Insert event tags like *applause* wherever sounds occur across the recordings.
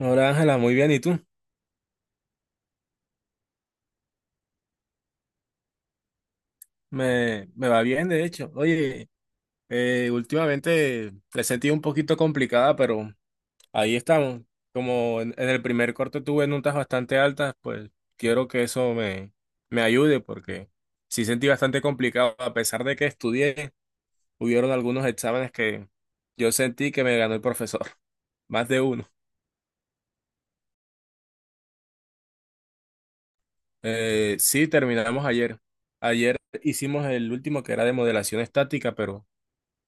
Hola Ángela, muy bien, ¿y tú? Me va bien, de hecho. Oye, últimamente la he sentido un poquito complicada, pero ahí estamos. Como en el primer corte tuve notas bastante altas, pues quiero que eso me ayude, porque sí sentí bastante complicado. A pesar de que estudié, hubieron algunos exámenes que yo sentí que me ganó el profesor, *laughs* más de uno. Sí, terminamos ayer. Ayer hicimos el último que era de modelación estática, pero...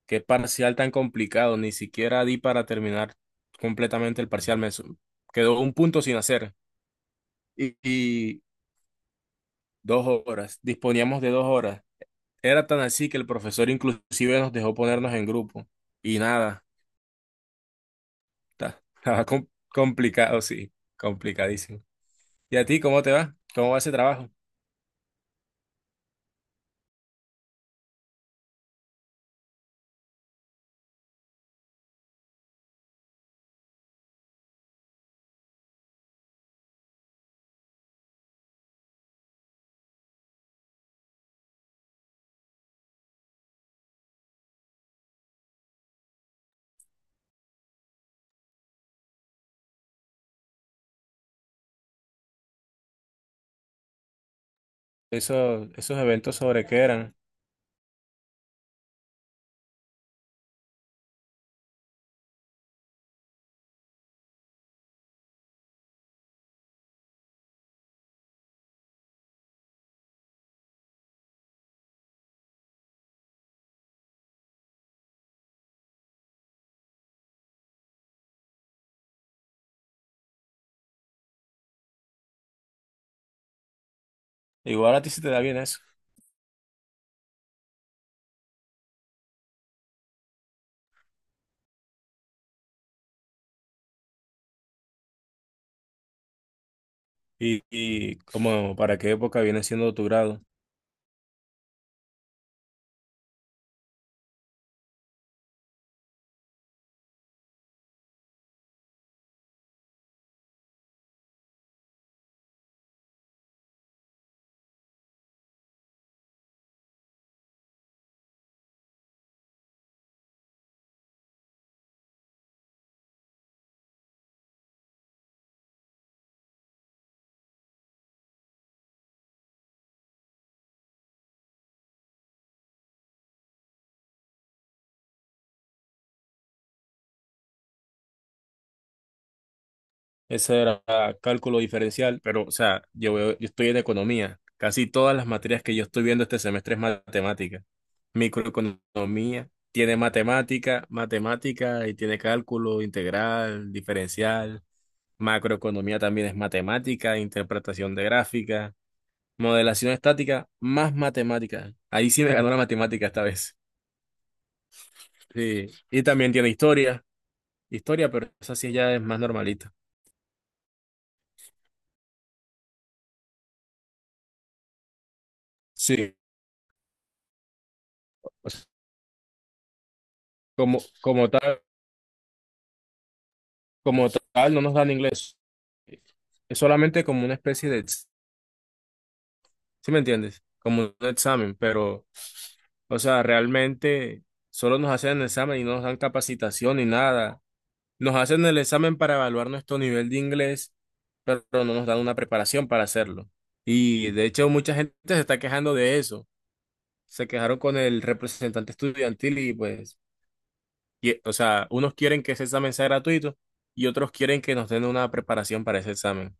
Qué parcial tan complicado, ni siquiera di para terminar completamente el parcial. Quedó un punto sin hacer y dos horas, disponíamos de dos horas. Era tan así que el profesor inclusive nos dejó ponernos en grupo y nada, *laughs* estaba complicado, sí, complicadísimo. ¿Y a ti cómo te va? ¿Cómo va ese trabajo? Esos eventos sobre qué eran. Igual a ti se te da bien eso. ¿Y cómo, para qué época viene siendo tu grado? Ese era cálculo diferencial, pero, o sea, yo estoy en economía. Casi todas las materias que yo estoy viendo este semestre es matemática. Microeconomía tiene matemática, matemática y tiene cálculo integral, diferencial. Macroeconomía también es matemática, interpretación de gráfica, modelación estática, más matemática. Ahí sí me ganó la matemática esta vez. Sí. Y también tiene historia, historia, pero esa sí ya es más normalita. Sí. O sea, como tal. Como tal, no nos dan inglés. Es solamente como una especie de, ¿sí me entiendes? Como un examen, pero, o sea, realmente solo nos hacen el examen y no nos dan capacitación ni nada. Nos hacen el examen para evaluar nuestro nivel de inglés, pero no nos dan una preparación para hacerlo. Y de hecho, mucha gente se está quejando de eso. Se quejaron con el representante estudiantil y pues, o sea, unos quieren que ese examen sea gratuito y otros quieren que nos den una preparación para ese examen.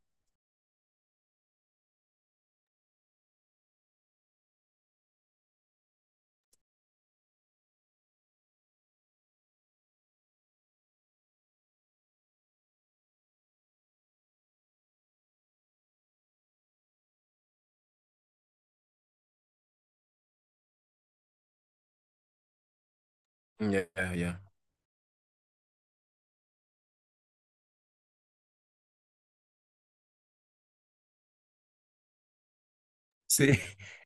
Ya, ya. Sí,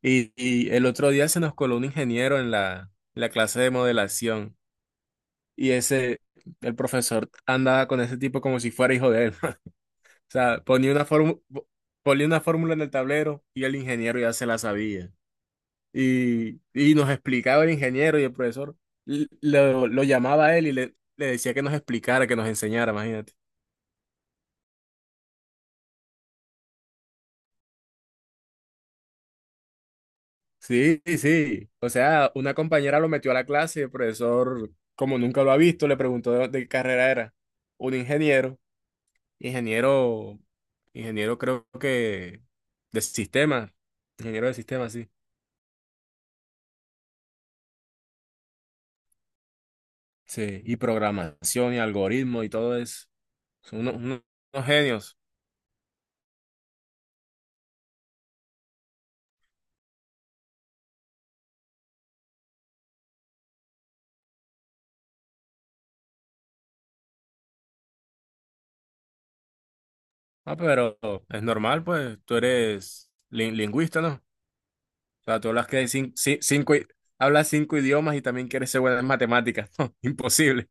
y el otro día se nos coló un ingeniero en la clase de modelación y ese, el profesor andaba con ese tipo como si fuera hijo de él. *laughs* O sea, ponía una fórmula en el tablero y el ingeniero ya se la sabía. Y nos explicaba el ingeniero y el profesor lo llamaba a él y le decía que nos explicara, que nos enseñara, imagínate. Sí, sí. O sea, una compañera lo metió a la clase, el profesor, como nunca lo ha visto, le preguntó de qué carrera era. Un ingeniero, ingeniero, ingeniero creo que de sistema, ingeniero de sistema, sí. Sí, y programación y algoritmo y todo eso. Son unos genios. Ah, pero es normal, pues, tú eres lingüista, ¿no? O sea, tú hablas que hay cinco, hablas cinco idiomas y también quieres ser buena en matemáticas, *laughs* ¿no? Imposible.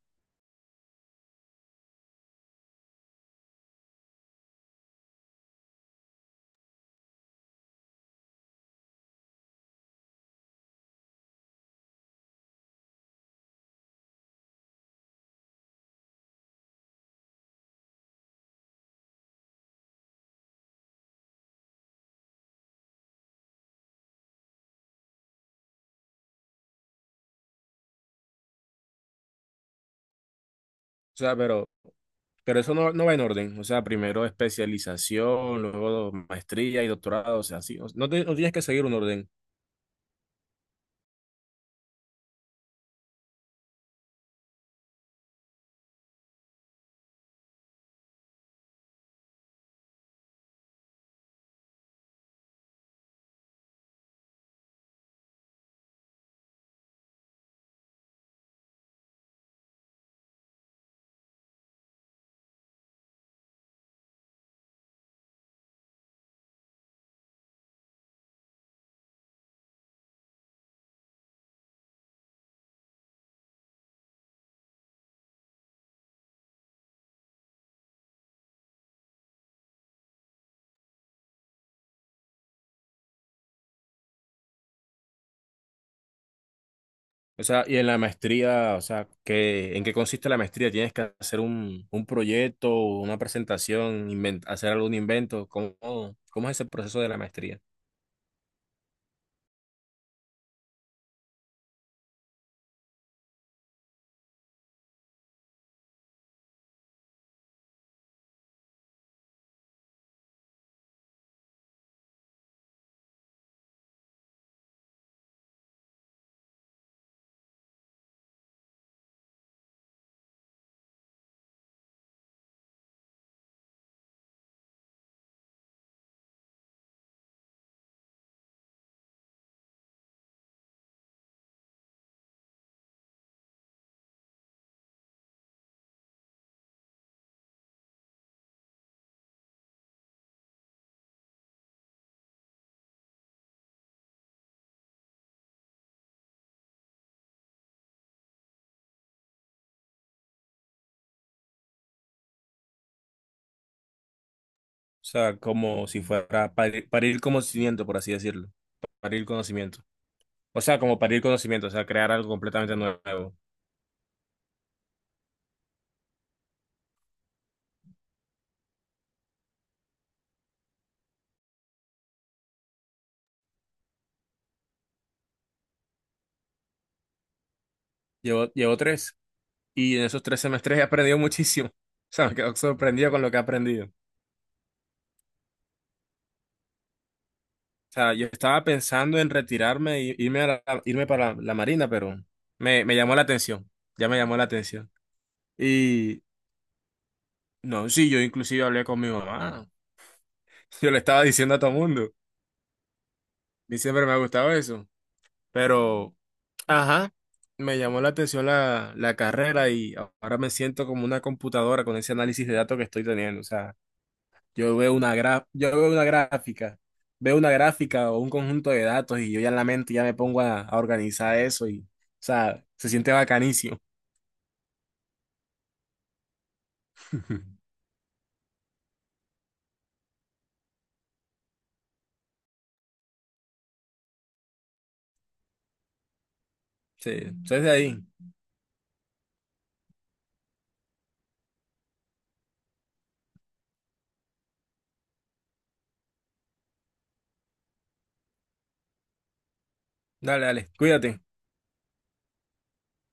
O sea, pero... Pero eso no va en orden, o sea, primero especialización, luego maestría y doctorado, o sea, así, no tienes que seguir un orden. O sea, y en la maestría, o sea, ¿qué, en qué consiste la maestría? ¿Tienes que hacer un proyecto, una presentación, hacer algún invento? ¿Cómo, cómo es ese proceso de la maestría? O sea, como si fuera parir conocimiento, por así decirlo, parir conocimiento. O sea, como parir conocimiento, o sea, crear algo completamente nuevo. Llevo tres. Y en esos tres semestres he aprendido muchísimo. O sea, me quedo sorprendido con lo que he aprendido. O sea, yo estaba pensando en retirarme y irme para la Marina, pero me llamó la atención. Ya me llamó la atención. Y no, sí, yo inclusive hablé con mi mamá. Yo le estaba diciendo a todo el mundo. Y siempre me ha gustado eso. Pero, ajá, me llamó la atención la carrera y ahora me siento como una computadora con ese análisis de datos que estoy teniendo. O sea, yo veo una gráfica o un conjunto de datos y yo ya en la mente ya me pongo a organizar eso y, o sea, se siente bacanísimo. *laughs* Sí, entonces de ahí. Dale, dale, cuídate.